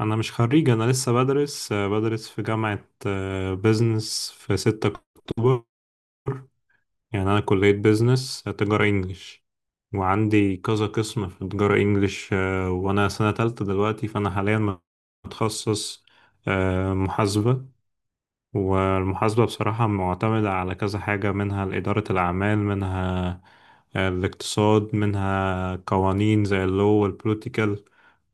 انا مش خريج. انا لسه بدرس في جامعة بيزنس في 6 اكتوبر. يعني انا كلية بيزنس تجارة انجليش، وعندي كذا قسم في تجارة انجليش، وانا سنة تالتة دلوقتي، فانا حاليا متخصص محاسبة. والمحاسبة بصراحة معتمدة على كذا حاجة، منها إدارة الأعمال، منها الاقتصاد، منها قوانين زي اللو والبوليتيكال.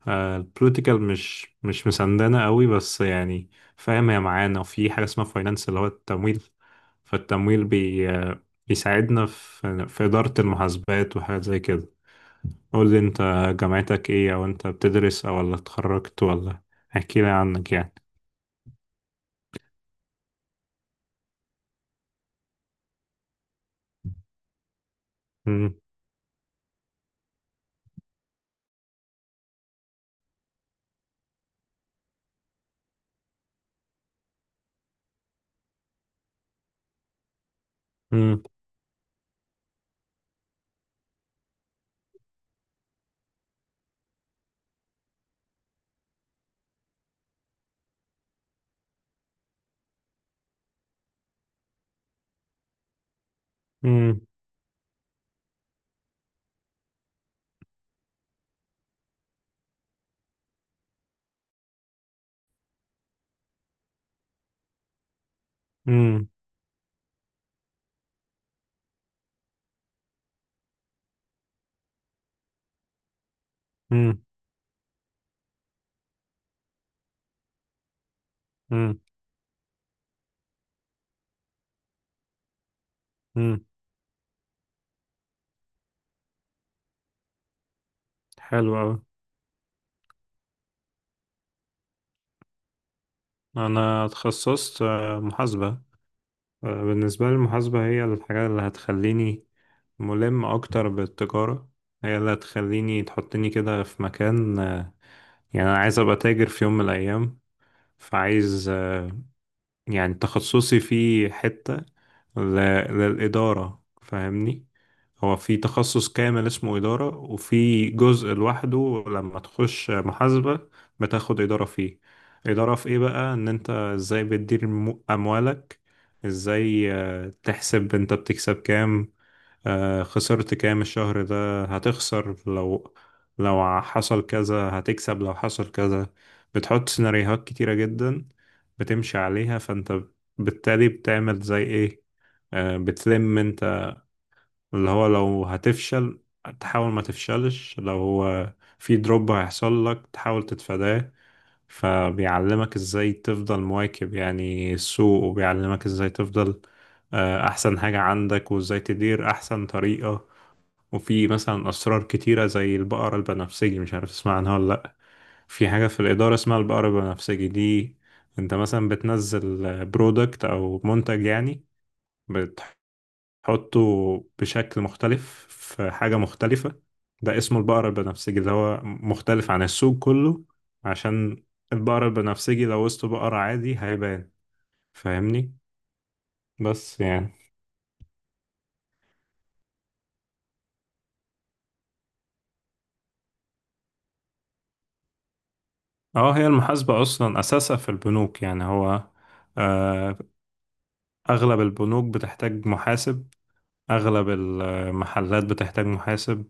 البوليتيكال مش مسندنا قوي، بس يعني فاهم، هي معانا. وفي حاجة اسمها فاينانس، اللي هو التمويل. فالتمويل بي آه، بيساعدنا في إدارة المحاسبات وحاجات زي كده. قول لي انت، جامعتك ايه؟ او انت بتدرس او ولا اتخرجت، ولا احكي لي عنك يعني. مم. مم. مم. امم. امم. امم. حلو أوي. أنا اتخصصت محاسبة. بالنسبة لي، المحاسبة هي الحاجة اللي هتخليني ملم أكتر بالتجارة. هي اللي هتخليني تحطني كده في مكان يعني، أنا عايز أبقى تاجر في يوم من الأيام. فعايز يعني تخصصي فيه حتة ل- للإدارة، فاهمني؟ هو في تخصص كامل اسمه إدارة، وفي جزء لوحده لما تخش محاسبة بتاخد إدارة فيه. إدارة في إيه بقى؟ إن أنت إزاي بتدير أموالك، إزاي تحسب أنت بتكسب كام، خسرت كام الشهر ده، هتخسر لو حصل كذا، هتكسب لو حصل كذا. بتحط سيناريوهات كتيرة جدا بتمشي عليها، فانت بالتالي بتعمل زي ايه؟ بتلم انت اللي هو لو هتفشل تحاول ما تفشلش، لو هو في دروب هيحصل لك تحاول تتفاداه. فبيعلمك ازاي تفضل مواكب يعني السوق، وبيعلمك ازاي تفضل احسن حاجة عندك، وازاي تدير احسن طريقة. وفي مثلا أسرار كتيرة زي البقرة البنفسجي، مش عارف تسمع عنها ولا لأ. في حاجة في الإدارة اسمها البقرة البنفسجي دي. أنت مثلا بتنزل برودكت أو منتج يعني، بتحطه بشكل مختلف في حاجة مختلفة، ده اسمه البقرة البنفسجي. ده هو مختلف عن السوق كله، عشان البقرة البنفسجي لو وسط بقرة عادي هيبان، فاهمني؟ بس يعني اه، هي المحاسبة أصلا أساسها في البنوك يعني. هو آه، أغلب البنوك بتحتاج محاسب، أغلب المحلات بتحتاج محاسب.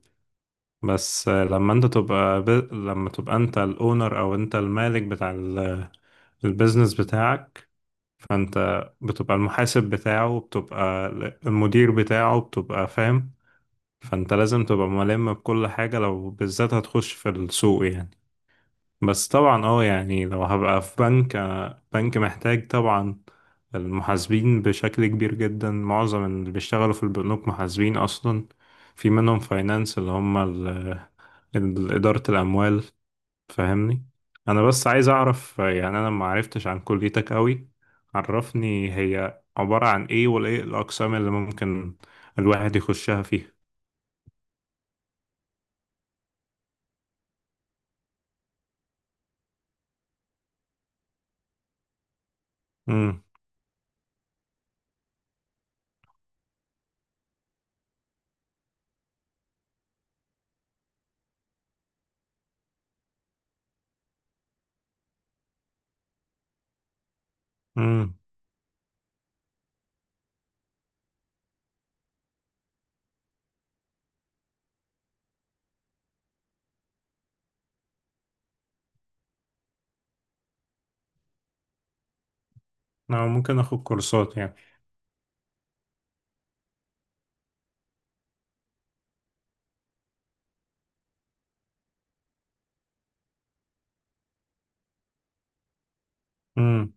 بس لما تبقى أنت الأونر، أو أنت المالك بتاع البيزنس بتاعك، فأنت بتبقى المحاسب بتاعه، بتبقى المدير بتاعه، بتبقى فاهم. فأنت لازم تبقى ملم بكل حاجة، لو بالذات هتخش في السوق يعني. بس طبعا اه، يعني لو هبقى في بنك، بنك محتاج طبعا المحاسبين بشكل كبير جدا. معظم اللي بيشتغلوا في البنوك محاسبين اصلا، في منهم فاينانس اللي هم إدارة الأموال، فاهمني؟ أنا بس عايز أعرف يعني أنا ما عرفتش عن كليتك قوي. عرفني هي عبارة عن إيه، وإيه الأقسام اللي ممكن الواحد يخشها فيها. امم. امم. أنا ممكن آخد كورسات يعني. امم.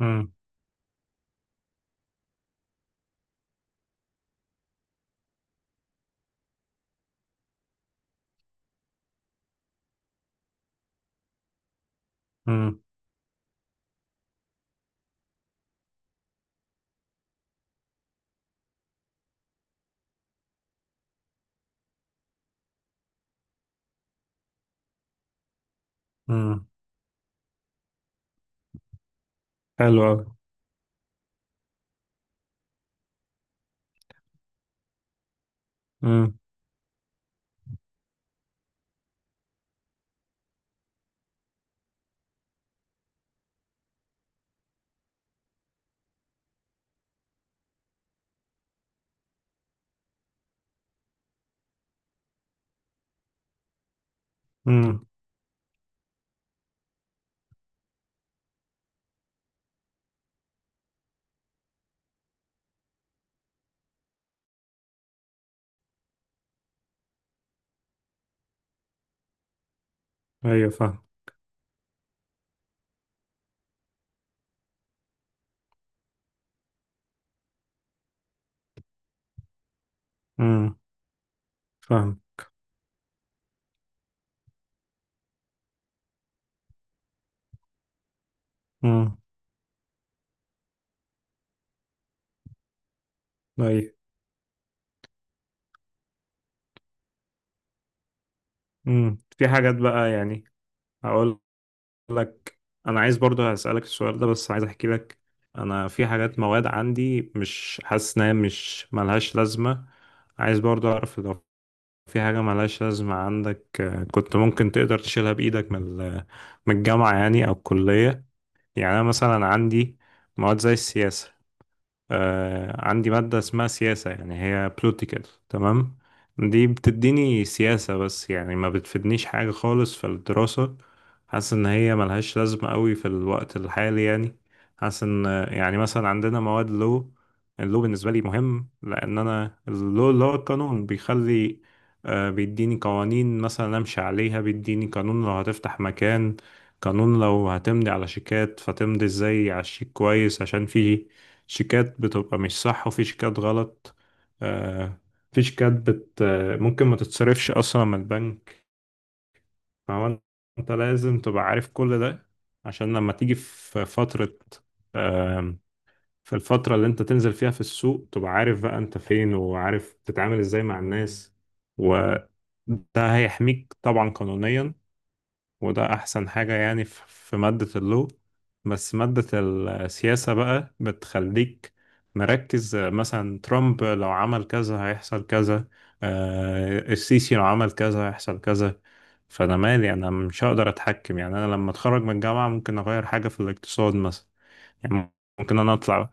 امم. امم. حلو أوي. أمم، أمم، أيوة فاهم. أمم، فاهم. أمم، أيوة. أمم. في حاجات بقى يعني، هقول لك، أنا عايز برضو هسألك السؤال ده، بس عايز أحكي لك. أنا في حاجات، مواد عندي مش حاسس إنها، مش ملهاش لازمة. عايز برضو أعرف لو في حاجة ملهاش لازمة عندك، كنت ممكن تقدر تشيلها بإيدك من من الجامعة يعني، أو الكلية. يعني أنا مثلا عندي مواد زي السياسة. عندي مادة اسمها سياسة، يعني هي بوليتيكال، تمام؟ دي بتديني سياسة، بس يعني ما بتفيدنيش حاجة خالص في الدراسة. حاسس إن هي ملهاش لازمة قوي في الوقت الحالي يعني. حاسس إن يعني مثلا عندنا مواد لو، اللو بالنسبة لي مهم، لأن أنا اللو اللي هو القانون بيخلي، بيديني قوانين مثلا أمشي عليها. بيديني قانون لو هتفتح مكان، قانون لو هتمضي على شيكات فتمضي ازاي على الشيك كويس، عشان فيه شيكات بتبقى مش صح وفي شيكات غلط. آه، في شيكات بت آه، ممكن ما تتصرفش أصلا من البنك. فهو أنت لازم تبقى عارف كل ده، عشان لما تيجي في فترة آم، في الفترة اللي أنت تنزل فيها في السوق، تبقى عارف بقى أنت فين، وعارف تتعامل إزاي مع الناس، وده هيحميك طبعا قانونيا. وده أحسن حاجة يعني، في مادة اللو. بس مادة السياسة بقى بتخليك مركز، مثلا ترامب لو عمل كذا هيحصل كذا، السيسي لو عمل كذا هيحصل كذا. فأنا مالي؟ أنا مش هقدر أتحكم، يعني أنا لما أتخرج من الجامعة ممكن أغير حاجة في الاقتصاد مثلا؟ يعني ممكن أنا أطلع؟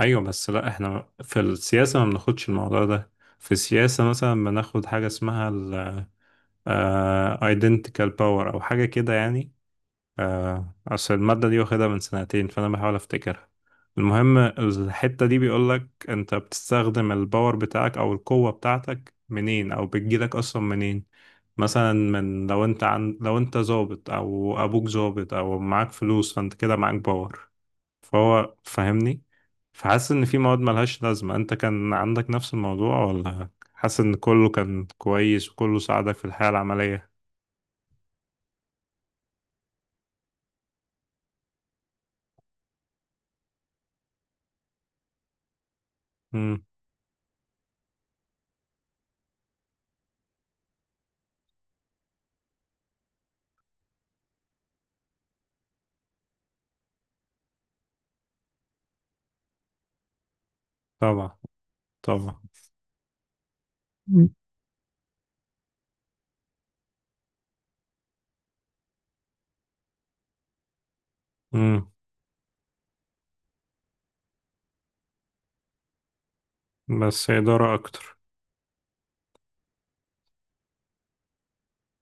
أيوة، بس لأ، إحنا في السياسة ما بناخدش الموضوع ده. في السياسة مثلا بناخد حاجة اسمها ال آه، identical power أو حاجة كده يعني. أصل المادة دي واخدها من سنتين، فأنا بحاول أفتكرها. المهم، الحتة دي بيقولك أنت بتستخدم الباور بتاعك أو القوة بتاعتك منين، أو بتجيلك أصلا منين. مثلا من لو أنت عن لو أنت ظابط، أو أبوك ظابط، أو معاك فلوس، فأنت كده معاك باور، فهو فاهمني؟ فحاسس إن في مواد ملهاش لازمة أنت كان عندك نفس الموضوع، ولا حاسس إن كله كان كويس وكله ساعدك في الحياة العملية؟ مم. طبعا. طبعا. مم. بس إدارة أكتر.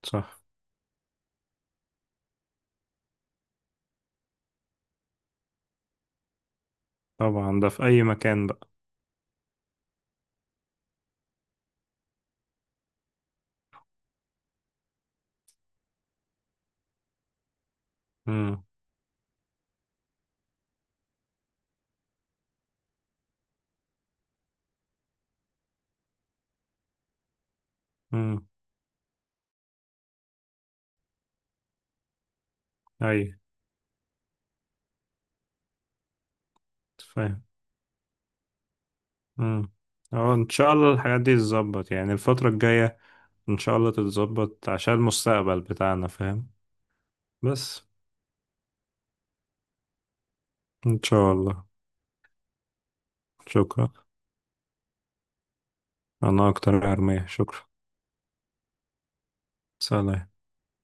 صح. طبعا، ده في أي مكان بقى. امم. امم. أي. فاهم. امم. أه، إن شاء الله الحاجات دي تتظبط يعني الفترة الجاية، إن شاء الله تتظبط عشان المستقبل بتاعنا، فاهم؟ بس إن شاء الله. شكرا، أنا أكتر يا أرمية، شكرا. سلام.